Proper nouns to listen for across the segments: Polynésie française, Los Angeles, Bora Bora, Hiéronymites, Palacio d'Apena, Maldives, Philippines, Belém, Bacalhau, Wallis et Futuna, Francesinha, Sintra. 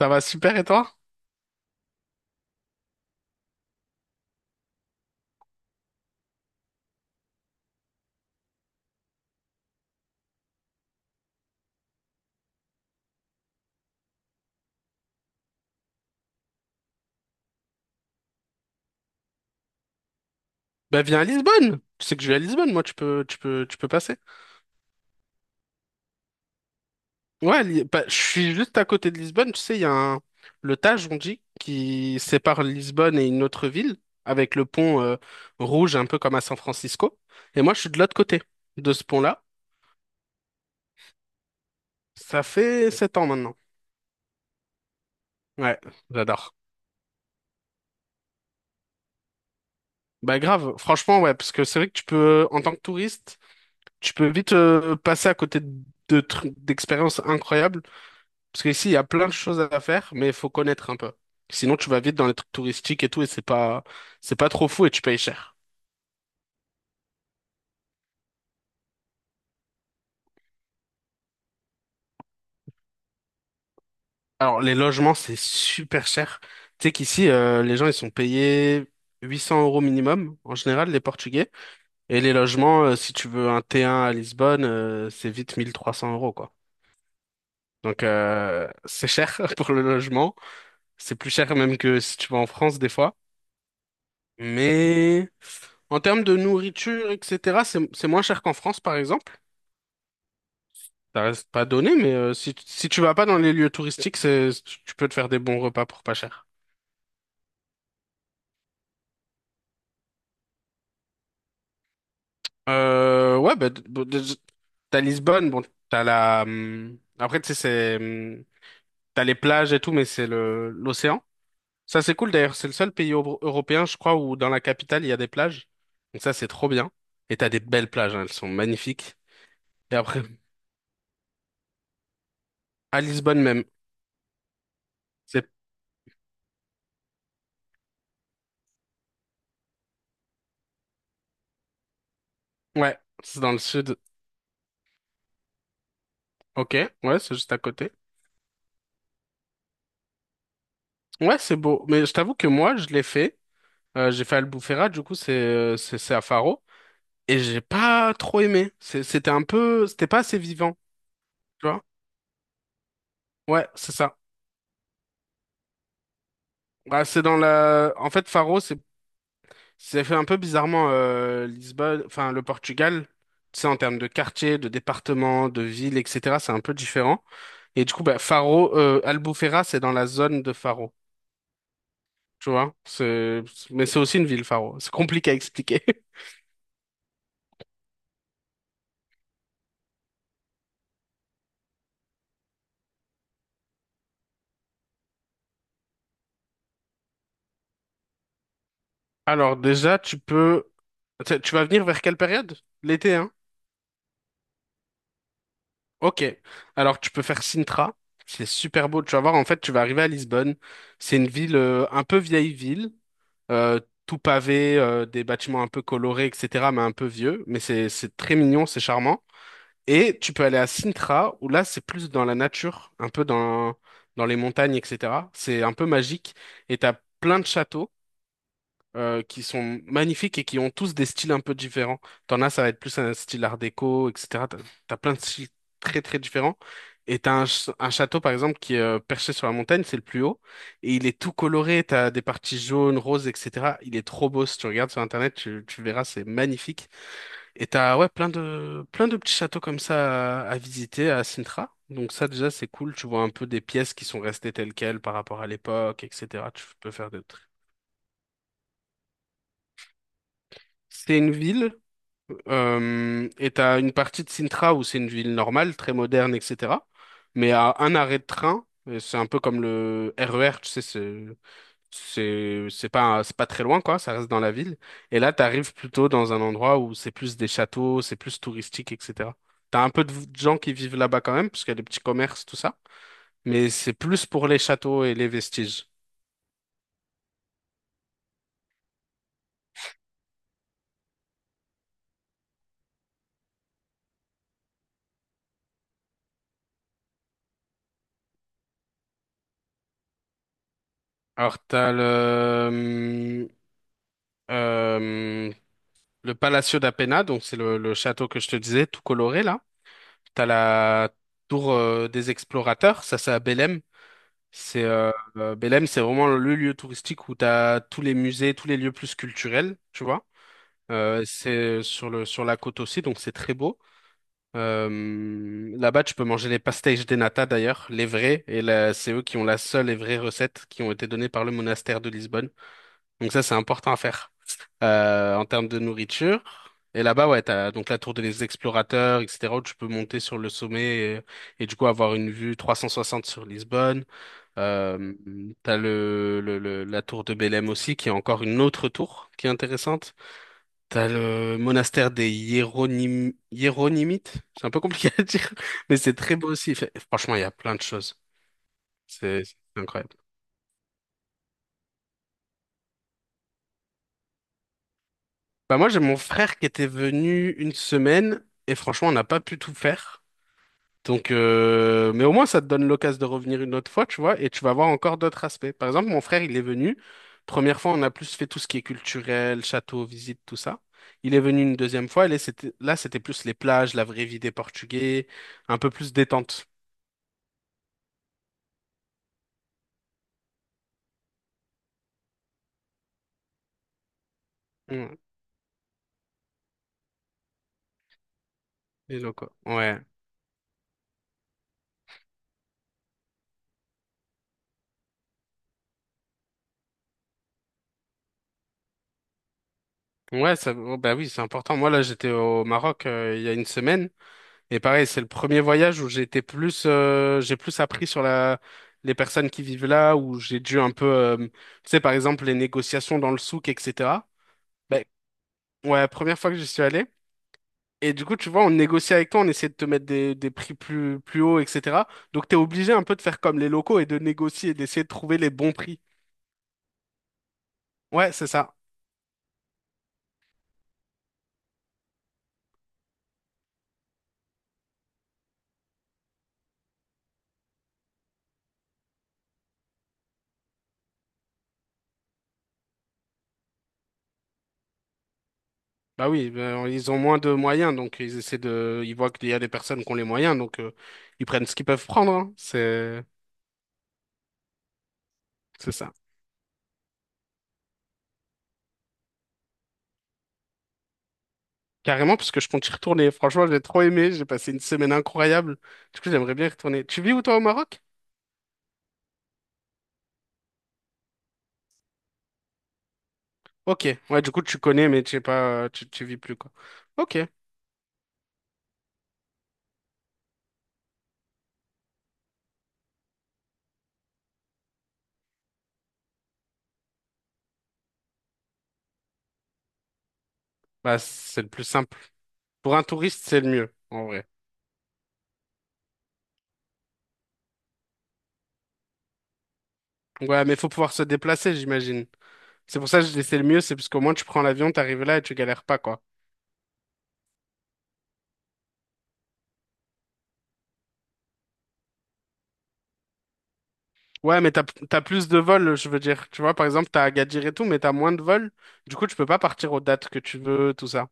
Ça va super et toi? Bah viens à Lisbonne. Tu sais que je vais à Lisbonne, moi tu peux passer. Ouais, bah, je suis juste à côté de Lisbonne, tu sais, il y a un le Tage on dit qui sépare Lisbonne et une autre ville avec le pont rouge un peu comme à San Francisco et moi je suis de l'autre côté de ce pont-là. Ça fait 7 ans maintenant. Ouais, j'adore. Bah grave, franchement ouais parce que c'est vrai que tu peux en tant que touriste, tu peux vite passer à côté de trucs d'expériences incroyables. Parce qu'ici, il y a plein de choses à faire, mais il faut connaître un peu. Sinon, tu vas vite dans les trucs touristiques et tout, et c'est pas trop fou et tu payes cher. Alors, les logements, c'est super cher. Tu sais qu'ici, les gens, ils sont payés 800 euros minimum, en général, les Portugais. Et les logements, si tu veux un T1 à Lisbonne, c'est vite 1 300 euros, quoi. Donc, c'est cher pour le logement. C'est plus cher même que si tu vas en France, des fois. Mais en termes de nourriture, etc., c'est moins cher qu'en France, par exemple. Ça reste pas donné, mais si tu vas pas dans les lieux touristiques, tu peux te faire des bons repas pour pas cher. Ouais, bah, bon, déjà, t'as Lisbonne, bon, t'as la. Après, tu sais, c'est. T'as les plages et tout, mais c'est le l'océan. Ça, c'est cool d'ailleurs. C'est le seul pays européen, je crois, où dans la capitale, il y a des plages. Donc, ça, c'est trop bien. Et t'as des belles plages, hein, elles sont magnifiques. Et après, à Lisbonne même. C'est. Ouais, c'est dans le sud. Ok, ouais, c'est juste à côté. Ouais, c'est beau. Mais je t'avoue que moi, je l'ai fait. J'ai fait Albufeira, du coup, c'est c'est à Faro. Et j'ai pas trop aimé. C'était un peu. C'était pas assez vivant, tu vois? Ouais, c'est ça. Bah, c'est dans la. En fait, Faro, c'est fait un peu bizarrement Lisbonne. Enfin, le Portugal, tu sais, en termes de quartier, de département, de ville, etc., c'est un peu différent. Et du coup, bah, Faro. Albufeira, c'est dans la zone de Faro. Tu vois, mais c'est aussi une ville, Faro. C'est compliqué à expliquer. Alors, déjà, tu peux, tu tu vas venir vers quelle période? L'été, hein? Ok. Alors, tu peux faire Sintra. C'est super beau. Tu vas voir, en fait, tu vas arriver à Lisbonne. C'est une ville, un peu vieille ville, euh, tout pavé, des bâtiments un peu colorés, etc., mais un peu vieux. Mais c'est très mignon, c'est charmant. Et tu peux aller à Sintra, où là, c'est plus dans la nature, un peu dans les montagnes, etc. C'est un peu magique. Et t'as plein de châteaux qui sont magnifiques et qui ont tous des styles un peu différents. T'en as, ça va être plus un style art déco, etc. T'as plein de styles très très différents. Et t'as un château, par exemple, qui est perché sur la montagne, c'est le plus haut, et il est tout coloré, t'as des parties jaunes, roses, etc. Il est trop beau, si tu regardes sur Internet, tu verras, c'est magnifique. Et t'as ouais, plein de petits châteaux comme ça à visiter à Sintra. Donc ça, déjà, c'est cool, tu vois un peu des pièces qui sont restées telles quelles par rapport à l'époque, etc. Tu peux faire des trucs. C'est une ville. Et t'as une partie de Sintra où c'est une ville normale, très moderne, etc. Mais à un arrêt de train, et c'est un peu comme le RER, tu sais, c'est pas très loin quoi, ça reste dans la ville. Et là, t'arrives plutôt dans un endroit où c'est plus des châteaux, c'est plus touristique, etc. T'as un peu de gens qui vivent là-bas quand même, parce qu'il y a des petits commerces, tout ça. Mais c'est plus pour les châteaux et les vestiges. Alors t'as euh, Le Palacio d'Apena, donc c'est le château que je te disais, tout coloré là. T'as la tour des explorateurs, ça c'est à Belém. C'est Belém, c'est vraiment le lieu touristique où t'as tous les musées, tous les lieux plus culturels, tu vois. C'est sur le sur la côte aussi, donc c'est très beau. Là-bas, tu peux manger les pastéis de nata d'ailleurs, les vrais, et c'est eux qui ont la seule et vraie recette qui ont été donnée par le monastère de Lisbonne. Donc ça, c'est important à faire en termes de nourriture. Et là-bas, ouais, t'as donc la tour des explorateurs, etc., où tu peux monter sur le sommet et du coup avoir une vue 360 sur Lisbonne. Euh, t'as la tour de Belém aussi, qui est encore une autre tour qui est intéressante. T'as le monastère des Hiéronymites. C'est un peu compliqué à dire, mais c'est très beau aussi. Franchement, il y a plein de choses. C'est incroyable. Bah moi j'ai mon frère qui était venu une semaine et franchement on n'a pas pu tout faire. Donc mais au moins ça te donne l'occasion de revenir une autre fois, tu vois, et tu vas voir encore d'autres aspects. Par exemple, mon frère, il est venu. Première fois, on a plus fait tout ce qui est culturel, château, visite, tout ça. Il est venu une deuxième fois, et là c'était plus les plages, la vraie vie des Portugais, un peu plus détente. Mmh, les locaux. Ouais. Ouais, ça, oh, bah oui, c'est important. Moi là, j'étais au Maroc il y a une semaine. Et pareil, c'est le premier voyage où j'ai été plus, j'ai plus appris sur les personnes qui vivent là, où j'ai dû un peu, tu sais, par exemple, les négociations dans le souk, etc. Ben, ouais, première fois que j'y suis allé. Et du coup, tu vois, on négocie avec toi, on essaie de te mettre des prix plus hauts, etc. Donc, t'es obligé un peu de faire comme les locaux et de négocier, d'essayer de trouver les bons prix. Ouais, c'est ça. Bah oui, ben, ils ont moins de moyens, donc ils essaient ils voient qu'il y a des personnes qui ont les moyens, donc ils prennent ce qu'ils peuvent prendre, hein. C'est ça. Carrément, parce que je compte y retourner. Franchement, j'ai trop aimé. J'ai passé une semaine incroyable. Du coup, j'aimerais bien y retourner. Tu vis où, toi, au Maroc? Ok. Ouais, du coup, tu connais, mais tu sais pas, tu vis plus, quoi. Ok. Bah, c'est le plus simple. Pour un touriste, c'est le mieux, en vrai. Ouais, mais faut pouvoir se déplacer, j'imagine. C'est pour ça que je dis c'est le mieux, c'est parce qu'au moins, tu prends l'avion, t'arrives là et tu galères pas, quoi. Ouais, mais t'as plus de vols, je veux dire. Tu vois, par exemple, t'as Agadir et tout, mais t'as moins de vols. Du coup, tu peux pas partir aux dates que tu veux, tout ça.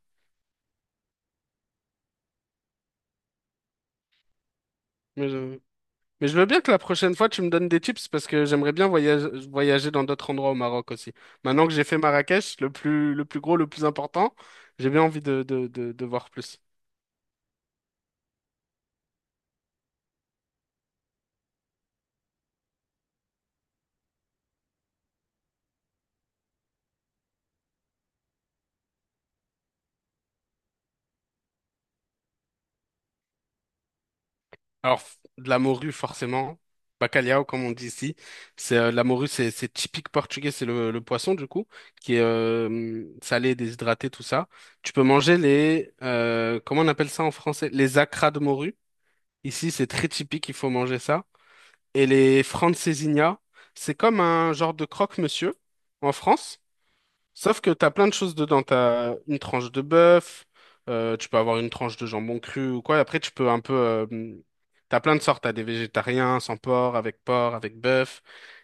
Mais je veux bien que la prochaine fois, tu me donnes des tips parce que j'aimerais bien voyager dans d'autres endroits au Maroc aussi. Maintenant que j'ai fait Marrakech, le plus gros, le plus important, j'ai bien envie de voir plus. Alors, de la morue, forcément. Bacalhau, comme on dit ici. La morue, c'est typique portugais. C'est le poisson, du coup, qui est salé, déshydraté, tout ça. Tu peux manger comment on appelle ça en français? Les acras de morue. Ici, c'est très typique, il faut manger ça. Et les francesinha, c'est comme un genre de croque-monsieur en France, sauf que t'as plein de choses dedans. T'as une tranche de bœuf, tu peux avoir une tranche de jambon cru ou quoi. Après, tu peux un peu... t'as plein de sortes. T'as des végétariens, sans porc, avec porc, avec bœuf.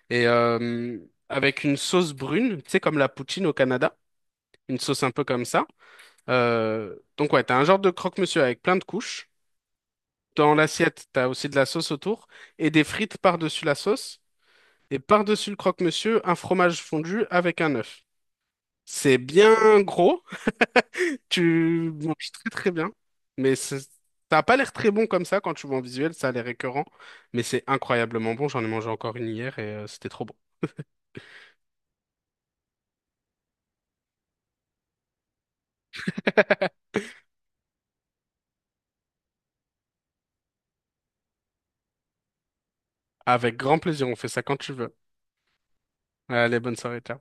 Et avec une sauce brune, tu sais, comme la poutine au Canada. Une sauce un peu comme ça. Donc ouais, t'as un genre de croque-monsieur avec plein de couches. Dans l'assiette, t'as aussi de la sauce autour et des frites par-dessus la sauce. Et par-dessus le croque-monsieur, un fromage fondu avec un œuf. C'est bien gros, tu manges très très bien, mais ça n'a pas l'air très bon comme ça quand tu vois en visuel, ça a l'air écœurant, mais c'est incroyablement bon, j'en ai mangé encore une hier et c'était trop bon. Avec grand plaisir, on fait ça quand tu veux. Allez, bonne soirée, ciao.